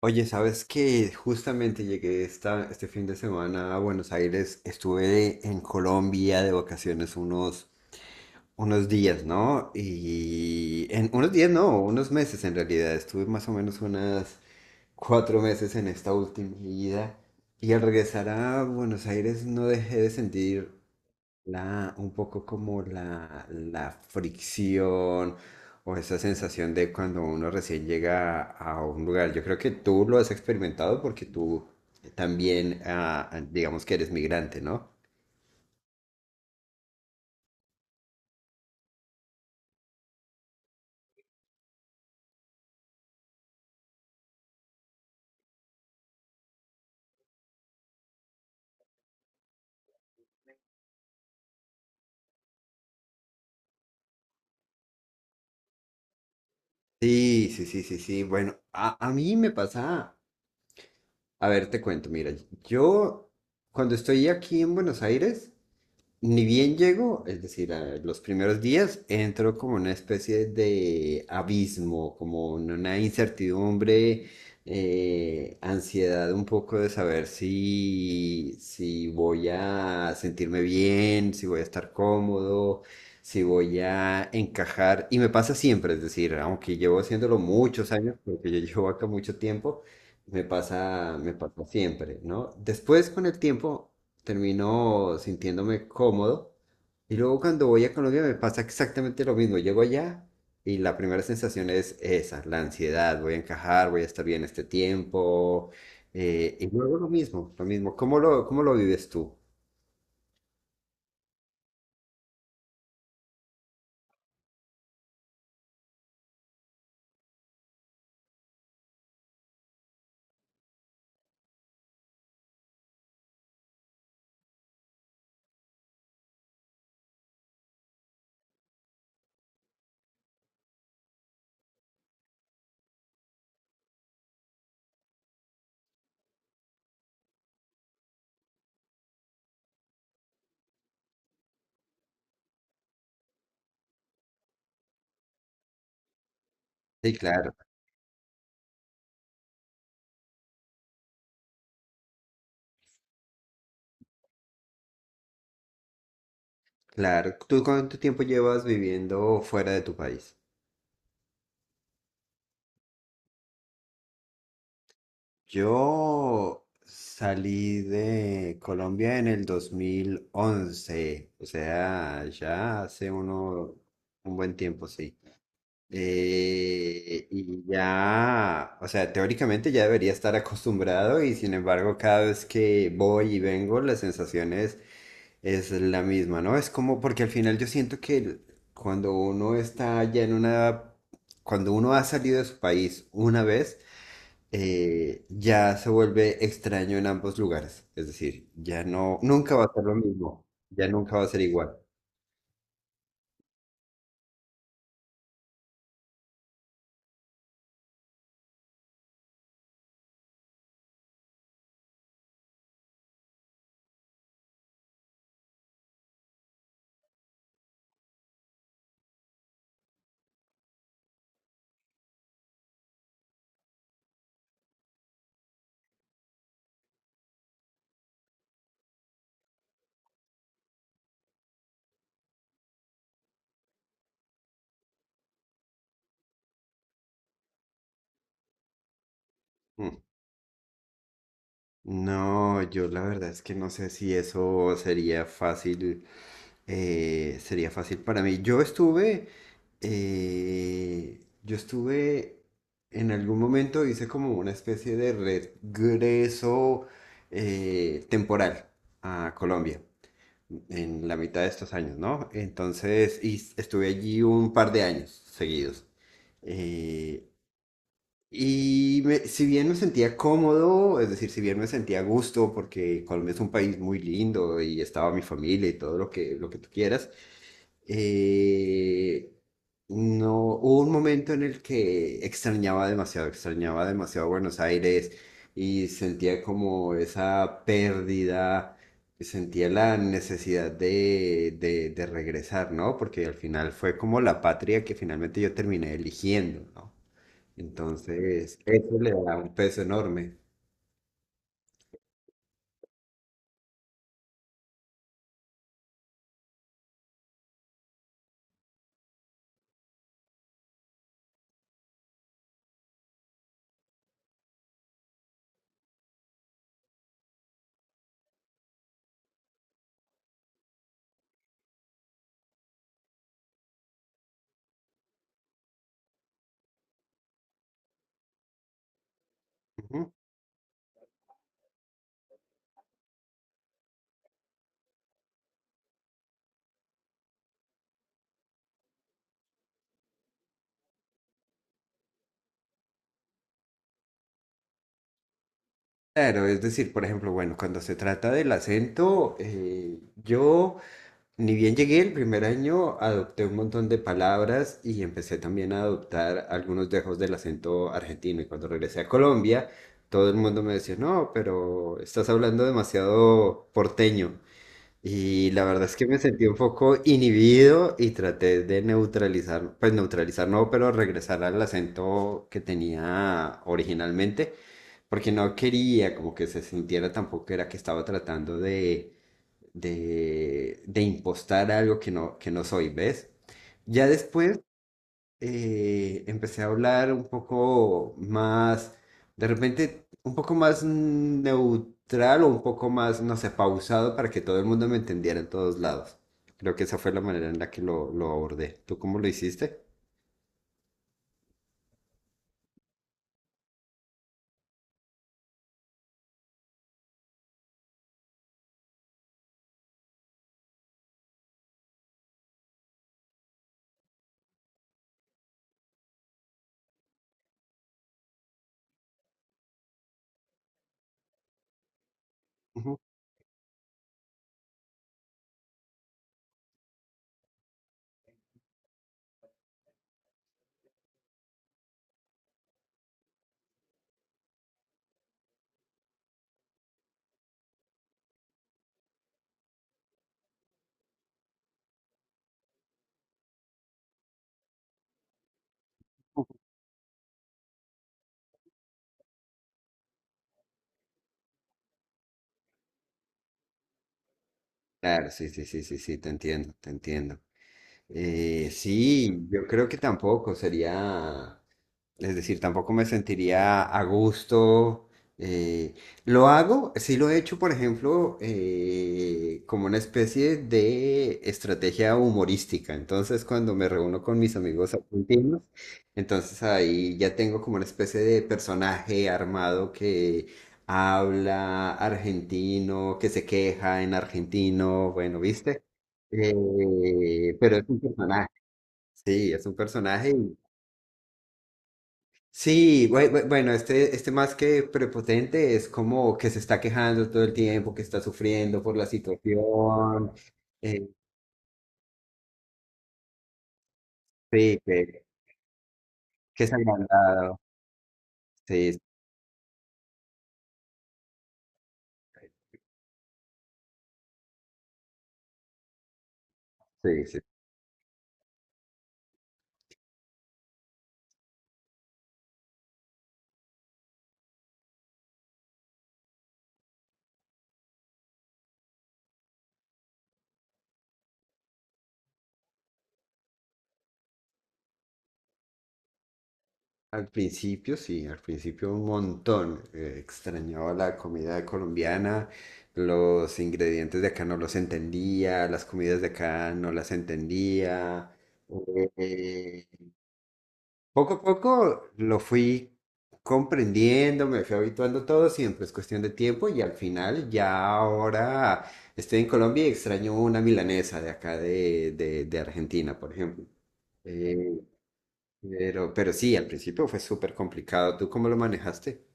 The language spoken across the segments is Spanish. Oye, ¿sabes qué? Justamente llegué este fin de semana a Buenos Aires. Estuve en Colombia de vacaciones unos días, ¿no? Y en unos días, no, unos meses en realidad. Estuve más o menos unas cuatro meses en esta última ida. Y al regresar a Buenos Aires no dejé de sentir un poco como la fricción o esa sensación de cuando uno recién llega a un lugar. Yo creo que tú lo has experimentado porque tú también, digamos que eres migrante, ¿no? Sí, sí, sí, sí, sí. Bueno, a mí me pasa, a ver, te cuento, mira, yo cuando estoy aquí en Buenos Aires, ni bien llegó, es decir, a los primeros días entró como una especie de abismo, como una incertidumbre, ansiedad un poco de saber si voy a sentirme bien, si voy a estar cómodo, si voy a encajar. Y me pasa siempre, es decir, aunque llevo haciéndolo muchos años, porque yo llevo acá mucho tiempo, me pasa siempre, ¿no? Después con el tiempo termino sintiéndome cómodo. Y luego cuando voy a Colombia me pasa exactamente lo mismo. Llego allá y la primera sensación es esa, la ansiedad, voy a encajar, voy a estar bien este tiempo. Y luego lo mismo, lo mismo. ¿Cómo cómo lo vives tú? Sí, claro, claro. ¿Tú cuánto tiempo llevas viviendo fuera de tu país? Yo salí de Colombia en el 2011, o sea, ya hace un buen tiempo, sí. Y ya, o sea, teóricamente ya debería estar acostumbrado y sin embargo cada vez que voy y vengo la sensación es la misma, ¿no? Es como porque al final yo siento que cuando uno está ya en una, cuando uno ha salido de su país una vez, ya se vuelve extraño en ambos lugares, es decir, ya no, nunca va a ser lo mismo, ya nunca va a ser igual. No, yo la verdad es que no sé si eso sería fácil para mí. Yo estuve en algún momento hice como una especie de regreso temporal a Colombia en la mitad de estos años, ¿no? Entonces, y estuve allí un par de años seguidos. Eh, si bien me sentía cómodo, es decir, si bien me sentía a gusto, porque Colombia es un país muy lindo y estaba mi familia y todo lo lo que tú quieras, eh, no, hubo un momento en el que extrañaba demasiado Buenos Aires y sentía como esa pérdida, sentía la necesidad de regresar, ¿no? Porque al final fue como la patria que finalmente yo terminé eligiendo, ¿no? Entonces, eso le da un peso enorme. Ujú. Claro, es decir, por ejemplo, bueno, cuando se trata del acento, yo ni bien llegué el primer año, adopté un montón de palabras y empecé también a adoptar algunos dejos del acento argentino. Y cuando regresé a Colombia, todo el mundo me decía, no, pero estás hablando demasiado porteño. Y la verdad es que me sentí un poco inhibido y traté de neutralizar, pues neutralizar no, pero regresar al acento que tenía originalmente, porque no quería como que se sintiera tampoco que era que estaba tratando de impostar algo que no soy, ¿ves? Ya después empecé a hablar un poco más, de repente un poco más neutral o un poco más, no sé, pausado para que todo el mundo me entendiera en todos lados. Creo que esa fue la manera en la que lo abordé. ¿Tú cómo lo hiciste? Ujú. Claro, sí, sí, sí, sí, sí, te entiendo, te entiendo. Sí, yo creo que tampoco sería. Es decir, tampoco me sentiría a gusto. eh, lo hago, sí lo he hecho, por ejemplo, como una especie de estrategia humorística. Entonces, cuando me reúno con mis amigos argentinos, entonces ahí ya tengo como una especie de personaje armado que habla argentino, que se queja en argentino, bueno, ¿viste? Pero es un personaje, sí, es un personaje. Sí, bueno, este más que prepotente es como que se está quejando todo el tiempo, que está sufriendo por la situación, eh, sí, que es agrandado. Sí, sí, sí. Al principio, sí, al principio un montón. Extrañaba la comida colombiana, los ingredientes de acá no los entendía, las comidas de acá no las entendía. Poco a poco lo fui comprendiendo, me fui habituando todo, siempre es cuestión de tiempo y al final ya ahora estoy en Colombia y extraño una milanesa de acá de Argentina, por ejemplo. Eh, pero sí, al principio fue súper complicado. ¿Tú cómo lo manejaste?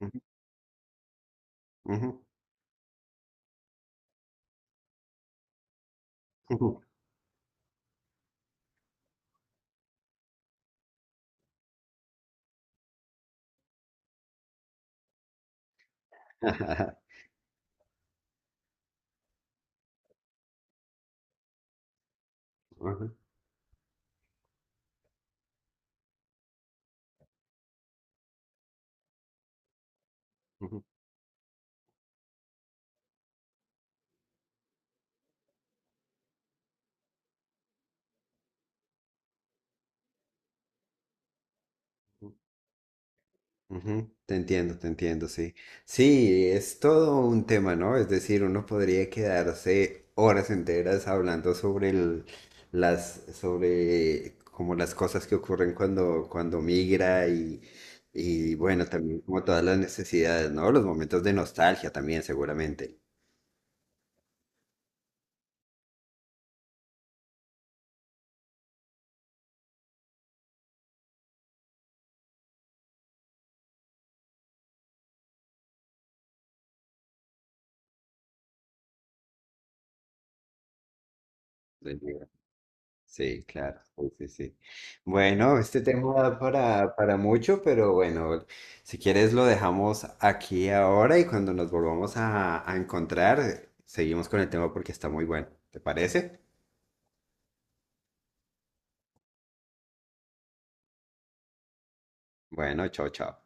Ujú, ujú, ujú. Ujú, ujú. Ujú, te entiendo, te entiendo, sí. Sí, es todo un tema, ¿no? Es decir, uno podría quedarse horas enteras hablando sobre las, sobre como las cosas que ocurren cuando migra y bueno, también como todas las necesidades, ¿no? Los momentos de nostalgia también, seguramente. Sí, claro, sí, sí, sí. Bueno, este tema da para mucho, pero bueno, si quieres lo dejamos aquí ahora y cuando nos volvamos a encontrar, seguimos con el tema porque está muy bueno. ¿Te parece? Bueno, chao, chao.